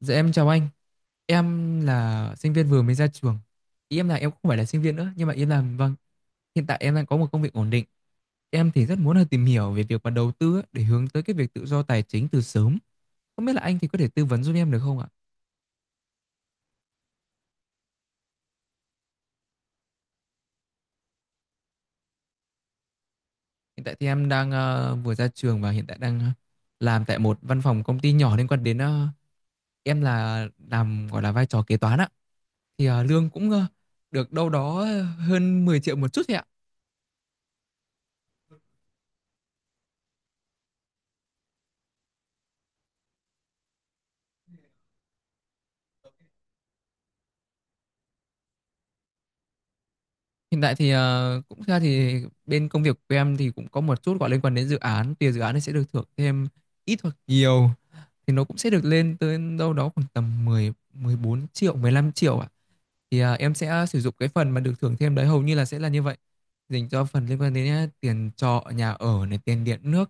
Dạ em chào anh. Em là sinh viên vừa mới ra trường. Ý em là em không phải là sinh viên nữa, nhưng mà em làm vâng, hiện tại em đang có một công việc ổn định. Em thì rất muốn là tìm hiểu về việc mà đầu tư á, để hướng tới cái việc tự do tài chính từ sớm. Không biết là anh thì có thể tư vấn giúp em được không ạ? Hiện tại thì em đang vừa ra trường và hiện tại đang làm tại một văn phòng công ty nhỏ liên quan đến em là làm gọi là vai trò kế toán ạ. Thì lương cũng được đâu đó hơn 10 triệu một chút thôi ạ. Hiện tại thì cũng ra thì bên công việc của em thì cũng có một chút gọi liên quan đến dự án, tiền dự án thì sẽ được thưởng thêm ít hoặc nhiều thì nó cũng sẽ được lên tới đâu đó khoảng tầm 10 14 triệu, 15 triệu ạ. Thì em sẽ sử dụng cái phần mà được thưởng thêm đấy hầu như là sẽ là như vậy. Dành cho phần liên quan đến tiền trọ, nhà ở này, tiền điện nước.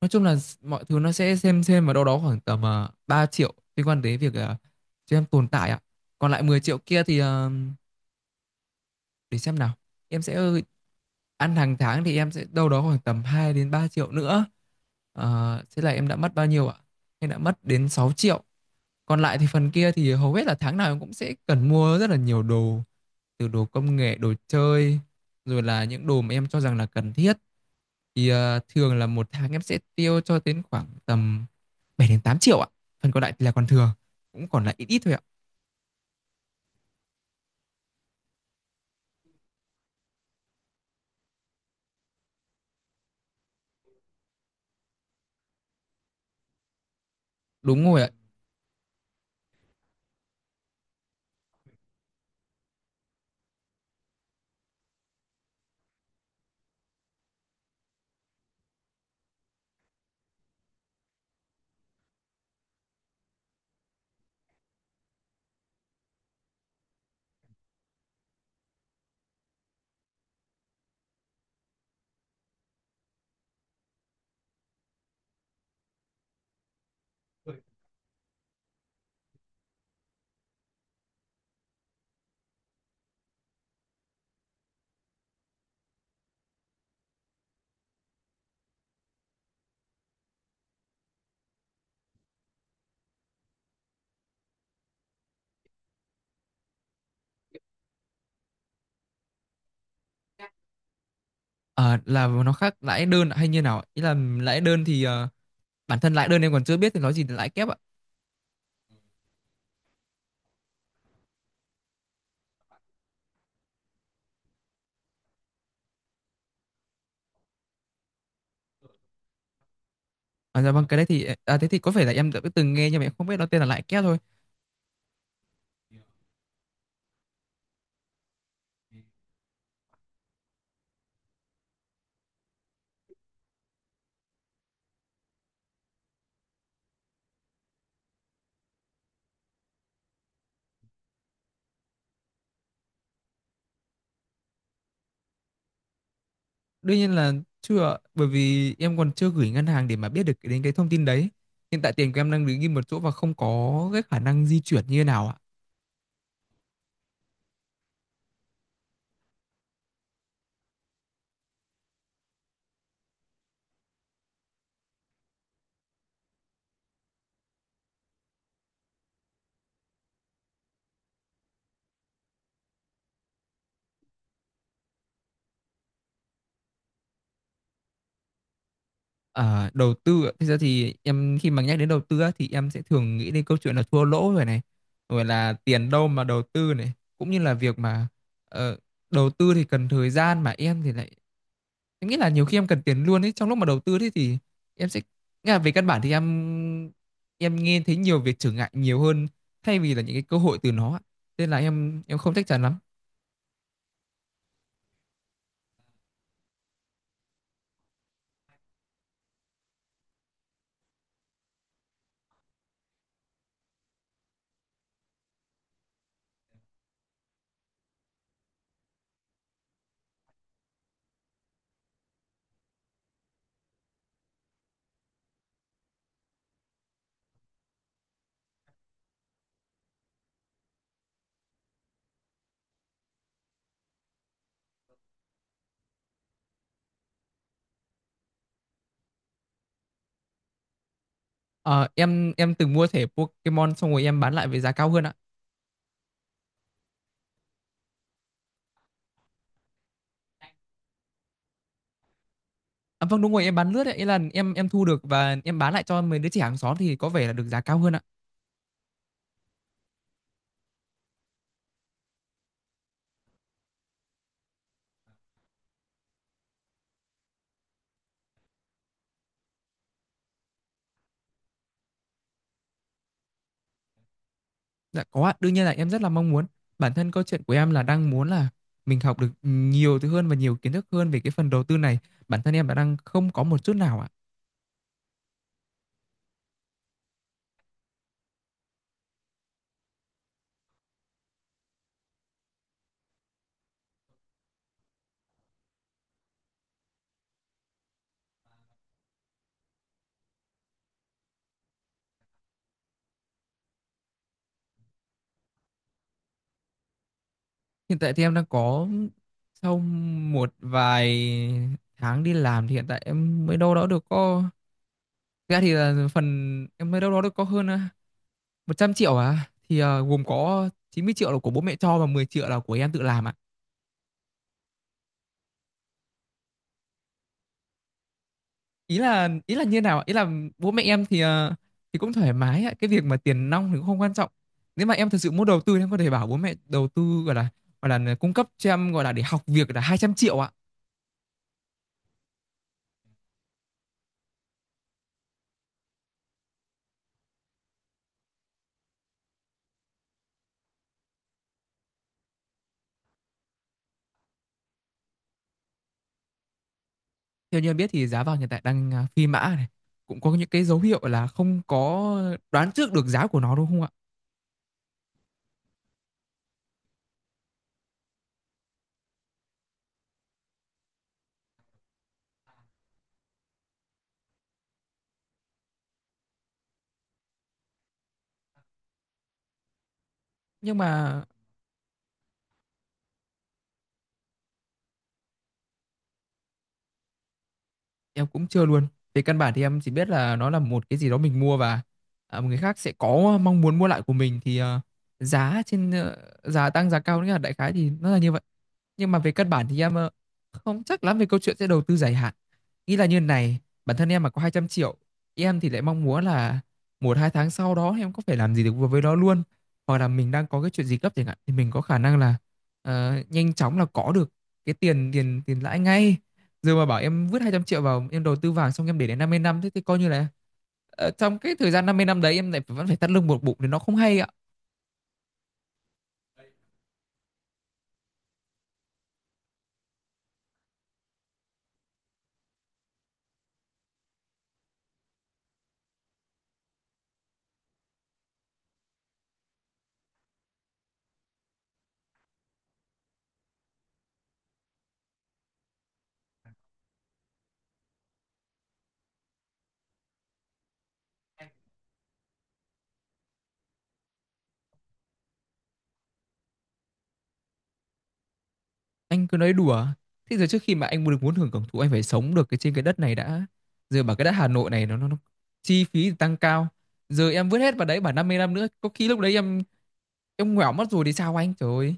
Nói chung là mọi thứ nó sẽ xem vào đâu đó khoảng tầm 3 triệu liên quan đến việc cho em tồn tại ạ. Còn lại 10 triệu kia thì để xem nào, em sẽ ăn hàng tháng thì em sẽ đâu đó khoảng tầm 2 đến 3 triệu nữa. Thế là em đã mất bao nhiêu ạ, em đã mất đến 6 triệu. Còn lại thì phần kia thì hầu hết là tháng nào em cũng sẽ cần mua rất là nhiều đồ, từ đồ công nghệ, đồ chơi, rồi là những đồ mà em cho rằng là cần thiết, thì thường là một tháng em sẽ tiêu cho đến khoảng tầm 7 đến 8 triệu ạ. Phần còn lại thì là còn thừa, cũng còn lại ít ít thôi ạ. Đúng rồi ạ. Ờ, là nó khác lãi đơn hay như nào ạ? Ý là lãi đơn thì bản thân lại đơn em còn chưa biết thì nói gì là lãi kép ạ. Dạ vâng, cái đấy thì thế thì có phải là em đã từng nghe nhưng mà em không biết nó tên là lãi kép thôi. Đương nhiên là chưa ạ, bởi vì em còn chưa gửi ngân hàng để mà biết được đến cái thông tin đấy. Hiện tại tiền của em đang đứng im một chỗ và không có cái khả năng di chuyển như thế nào ạ. Đầu tư ạ. Thực ra thì em khi mà nhắc đến đầu tư á, thì em sẽ thường nghĩ đến câu chuyện là thua lỗ rồi này, rồi là tiền đâu mà đầu tư này, cũng như là việc mà ờ, đầu tư thì cần thời gian mà em thì lại, em nghĩ là nhiều khi em cần tiền luôn ấy trong lúc mà đầu tư, thế thì em sẽ, nghĩa là về căn bản thì em nghe thấy nhiều việc trở ngại nhiều hơn thay vì là những cái cơ hội từ nó ạ. Nên là em không chắc chắn lắm. Ờ, em từng mua thẻ Pokemon xong rồi em bán lại với giá cao hơn ạ. Vâng, đúng rồi, em bán lướt ấy, ý là em thu được và em bán lại cho mấy đứa trẻ hàng xóm thì có vẻ là được giá cao hơn ạ. Dạ có ạ, đương nhiên là em rất là mong muốn. Bản thân câu chuyện của em là đang muốn là mình học được nhiều thứ hơn và nhiều kiến thức hơn về cái phần đầu tư này. Bản thân em đã đang không có một chút nào ạ. Hiện tại thì em đang có, sau một vài tháng đi làm thì hiện tại em mới đâu đó được có, thực ra thì là phần em mới đâu đó được có hơn 100 triệu, thì gồm có 90 triệu là của bố mẹ cho và 10 triệu là của em tự làm ạ. Ý là như nào ạ? Ý là bố mẹ em thì thì cũng thoải mái ạ, cái việc mà tiền nong thì cũng không quan trọng. Nếu mà em thật sự muốn đầu tư thì em có thể bảo bố mẹ đầu tư, gọi là cung cấp cho em, gọi là để học việc, là 200 triệu ạ. Theo như em biết thì giá vàng hiện tại đang phi mã này, cũng có những cái dấu hiệu là không có đoán trước được giá của nó đúng không ạ? Nhưng mà em cũng chưa luôn. Về căn bản thì em chỉ biết là nó là một cái gì đó mình mua và một người khác sẽ có mong muốn mua lại của mình, thì giá trên giá tăng giá cao, nghĩa là đại khái thì nó là như vậy. Nhưng mà về căn bản thì em không chắc lắm về câu chuyện sẽ đầu tư dài hạn. Nghĩ là như này, bản thân em mà có 200 triệu, em thì lại mong muốn là một hai tháng sau đó em có thể làm gì được với nó luôn, hoặc là mình đang có cái chuyện gì gấp chẳng hạn thì mình có khả năng là nhanh chóng là có được cái tiền tiền tiền lãi ngay. Giờ mà bảo em vứt 200 triệu vào em đầu tư vàng xong em để đến 50 năm, thế thì coi như là trong cái thời gian 50 năm đấy em lại vẫn phải thắt lưng buộc bụng thì nó không hay ạ. Anh cứ nói đùa. Thế giờ trước khi mà anh muốn được muốn hưởng hưởng thụ anh phải sống được cái trên cái đất này đã. Giờ bảo cái đất Hà Nội này nó chi phí thì tăng cao. Giờ em vứt hết vào đấy bảo 50 năm nữa có khi lúc đấy em ngoẻo mất rồi thì sao anh? Trời ơi.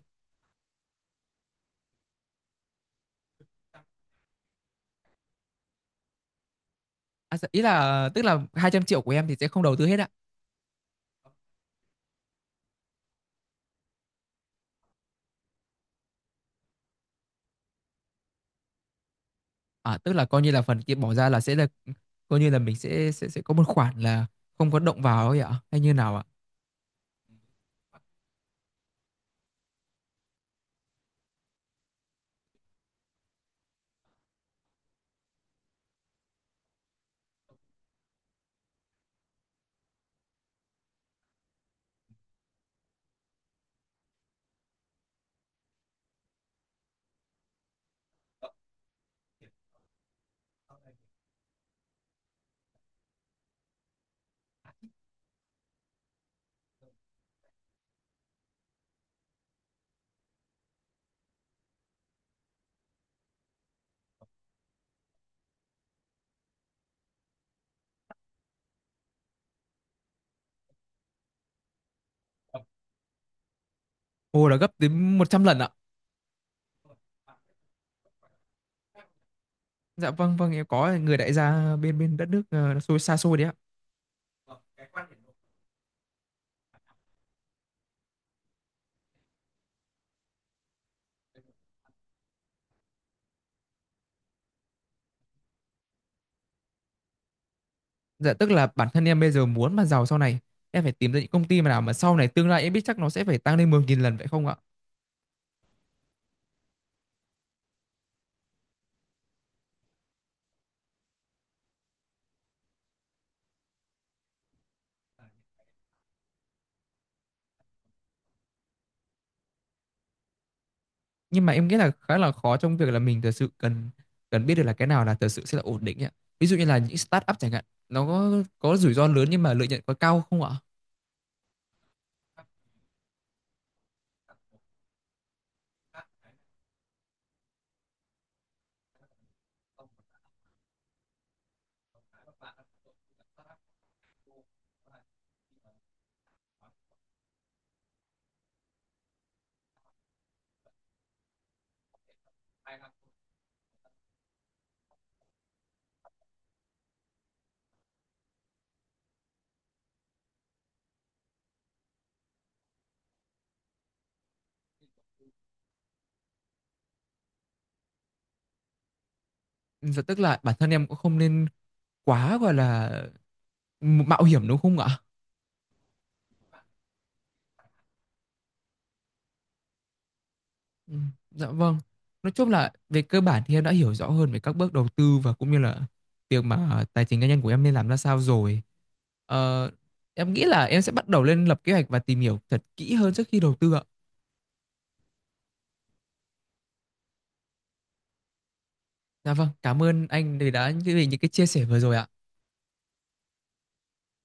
Ý là tức là 200 triệu của em thì sẽ không đầu tư hết ạ. À, tức là coi như là phần kia bỏ ra là sẽ là, coi như là mình sẽ có một khoản là không có động vào ấy ạ, hay như nào ạ? Ồ, là gấp đến trăm lần ạ. Dạ vâng vâng, em có người đại gia bên bên đất nước xôi xa xôi đấy ạ. Dạ tức là bản thân em bây giờ muốn mà giàu sau này em phải tìm ra những công ty nào mà sau này tương lai em biết chắc nó sẽ phải tăng lên 10 nghìn lần vậy không ạ? Nhưng mà em nghĩ là khá là khó trong việc là mình thật sự cần cần biết được là cái nào là thật sự sẽ là ổn định ấy ạ. Ví dụ như là những start up chẳng hạn, nó có rủi ro lớn nhưng mà lợi nhuận có cao không ạ? Và tức là bản thân em cũng không nên quá gọi là mạo hiểm đúng không ạ? Ừ. Dạ vâng. Nói chung là về cơ bản thì em đã hiểu rõ hơn về các bước đầu tư và cũng như là việc mà tài chính cá nhân của em nên làm ra sao rồi. Ờ, em nghĩ là em sẽ bắt đầu lên lập kế hoạch và tìm hiểu thật kỹ hơn trước khi đầu tư ạ. Dạ vâng, cảm ơn anh vì đã, vì những cái chia sẻ vừa rồi ạ.